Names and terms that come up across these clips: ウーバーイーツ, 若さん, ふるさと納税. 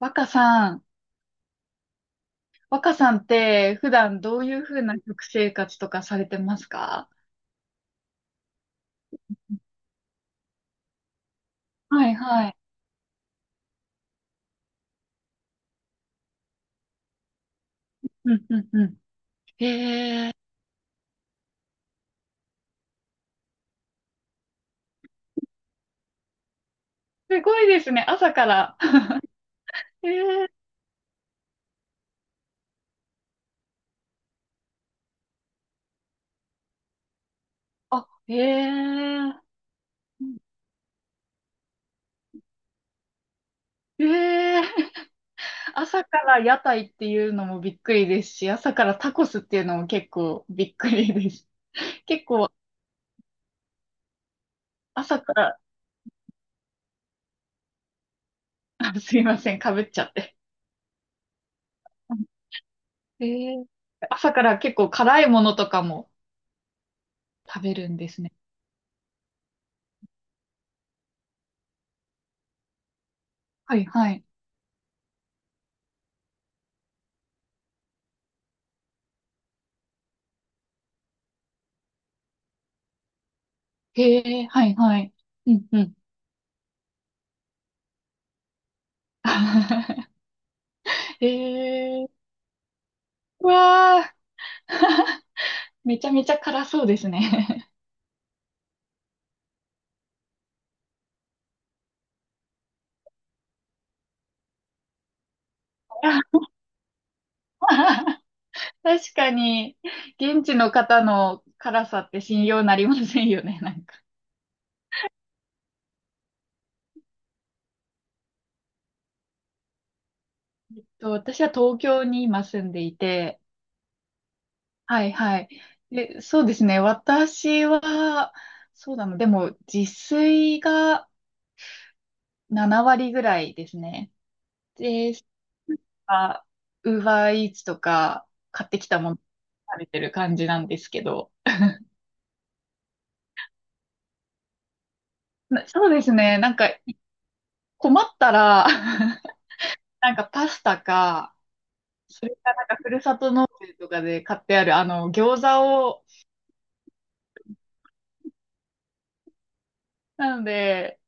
若さん、若さんって普段どういうふうな食生活とかされてますか？はいはい。うんうんうん。すごいですね、朝から。えー、あ、えー、朝から屋台っていうのもびっくりですし、朝からタコスっていうのも結構びっくりです。結構朝から、あすいません、かぶっちゃって。えー、朝から結構辛いものとかも食べるんですね。はいはい。へえ、はいはい。うんうん。へえ、うわあ、めちゃめちゃ辛そうですね。確かに、現地の方の辛さって信用なりませんよね、なんか。私は東京に今住んでいて、はいはい。で、そうですね、私は、そうだな、でも自炊が7割ぐらいですね。で、あ、ウーバーイーツとか買ってきたもの食べてる感じなんですけど。そうですね。なんか困ったら なんかパスタか、それかなんかふるさと納税とかで買ってあるあの餃子を、なので、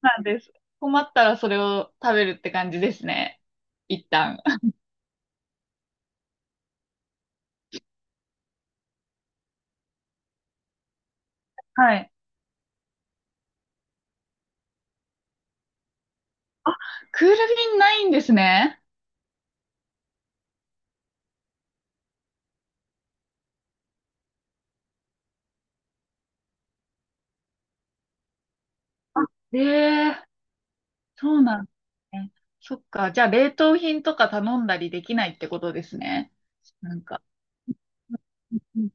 なんです。困ったらそれを食べるって感じですね。一旦。はい。クール便ないんですね。あ、ええ、そうなんですね。そっか。じゃあ、冷凍品とか頼んだりできないってことですね。なんか。うん、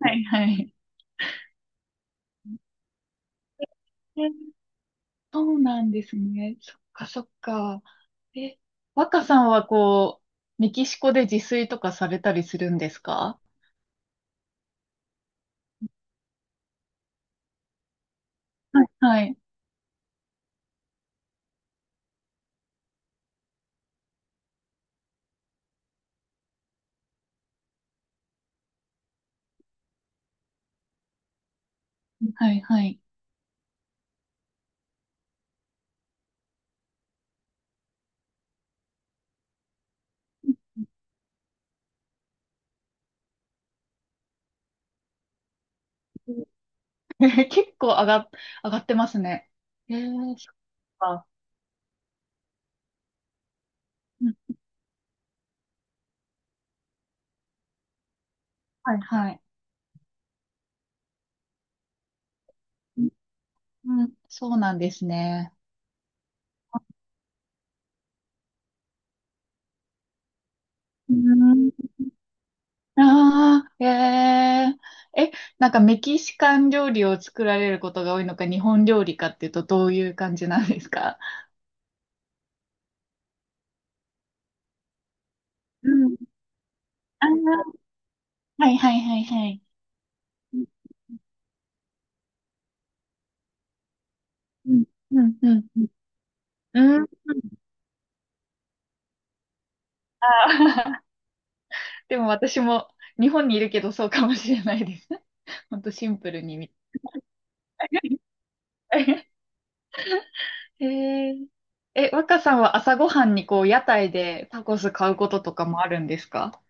はいはい。え、そうなんですね。そっかそっか。え、若さんはこう、メキシコで自炊とかされたりするんですか？はいはいはいはい。えー 結構上が、上がってますね。えー、そっか。うん、はいはい。うん、そうなんですね。うん、ああ、えええ、なんかメキシカン料理を作られることが多いのか、日本料理かっていうと、どういう感じなんですか？うん。ああ、はいはいはいはい。うん、うん、うん、うん。うん でも私も日本にいるけどそうかもしれないです。ほんとシンプルにみたい。へえ、え、若さんは朝ごはんにこう屋台でタコス買うこととかもあるんですか？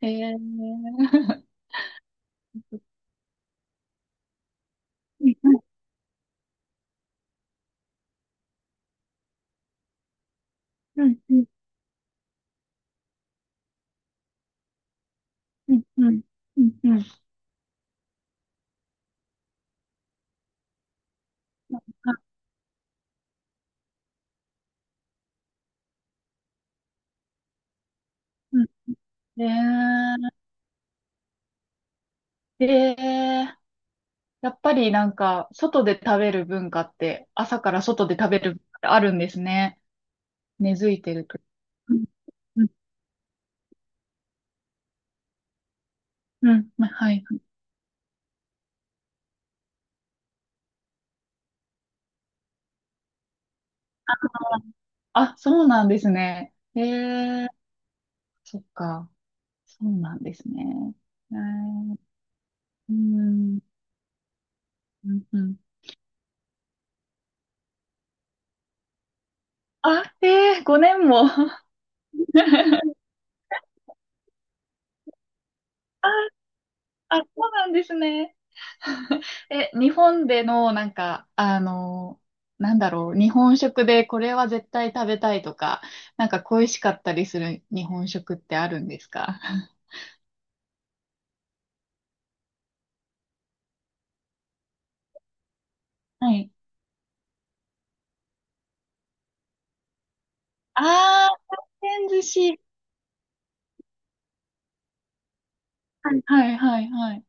へえー、うんうんうんうんうん。うんうん。うん。ねえ。ええ。やっぱりなんか、外で食べる文化って、朝から外で食べる文化ってあるんですね。根付いてると。うんうんうん、まはい。あ、そうなんですね。ええ。そっか。そうなんですね。ええ。うん。うんうん。あ、ええ、5年も。あ、そうなんですね。え、日本での、なんか、なんだろう、日本食でこれは絶対食べたいとか、なんか恋しかったりする日本食ってあるんですか？はい。あー、回転寿司。はいはいはいはい。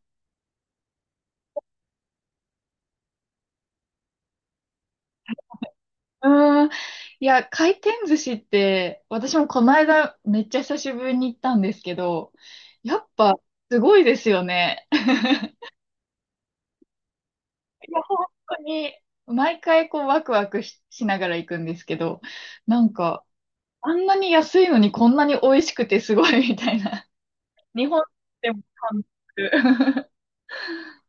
うーん。いや、回転寿司って、私もこの間めっちゃ久しぶりに行ったんですけど、やっぱすごいですよね。いや、本当に、毎回こうワクワクしながら行くんですけど、なんか、あんなに安いのにこんなに美味しくてすごいみたいな。日本でも感じる。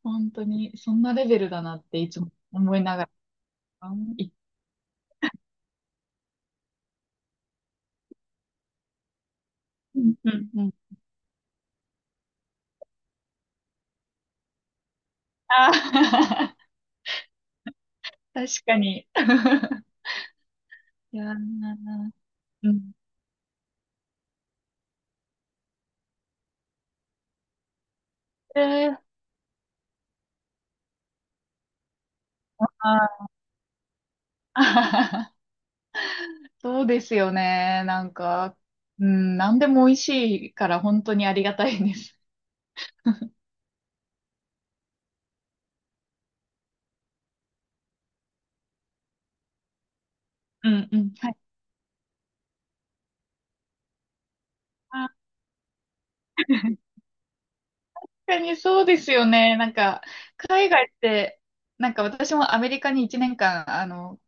本当に、そんなレベルだなっていつも思いながら。いうんうんうん。ああ、確かに。いやー、うん。えー、あー そうですよね。なんか、うん、なんでも美味しいから本当にありがたいです。うんうん。はい。あー、確かにそうですよね。なんか、海外って、なんか私もアメリカに1年間、あの、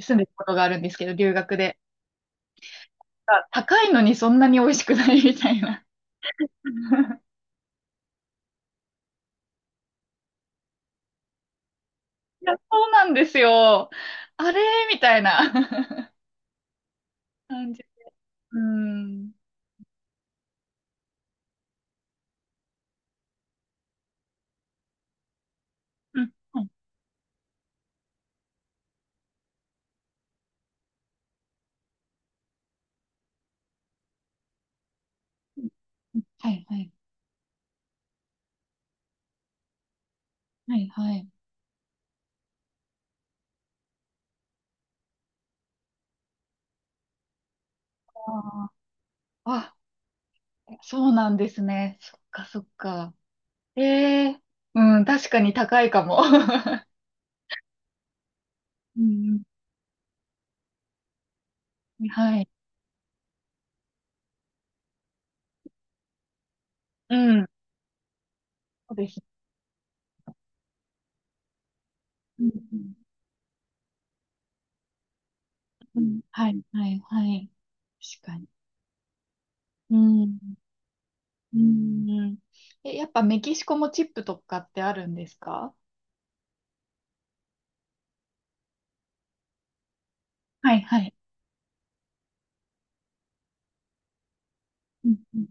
住んでたことがあるんですけど、留学で。あ、高いのにそんなに美味しくない みたいな。いや、そうなんですよ。あれみたいな 感じ。うん。うん。はい、はい、はい、はい。ああ、あ、そうなんですね。そっか、そっか。ええ、うん、確かに高いかも。うん、うんはい。うん、そうです。うんうんうん、はい、はい、はい。確かに。うん。うん。え、やっぱメキシコもチップとかってあるんですか？はい、はい。うんうん、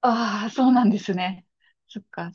ああ、そうなんですね。そっか。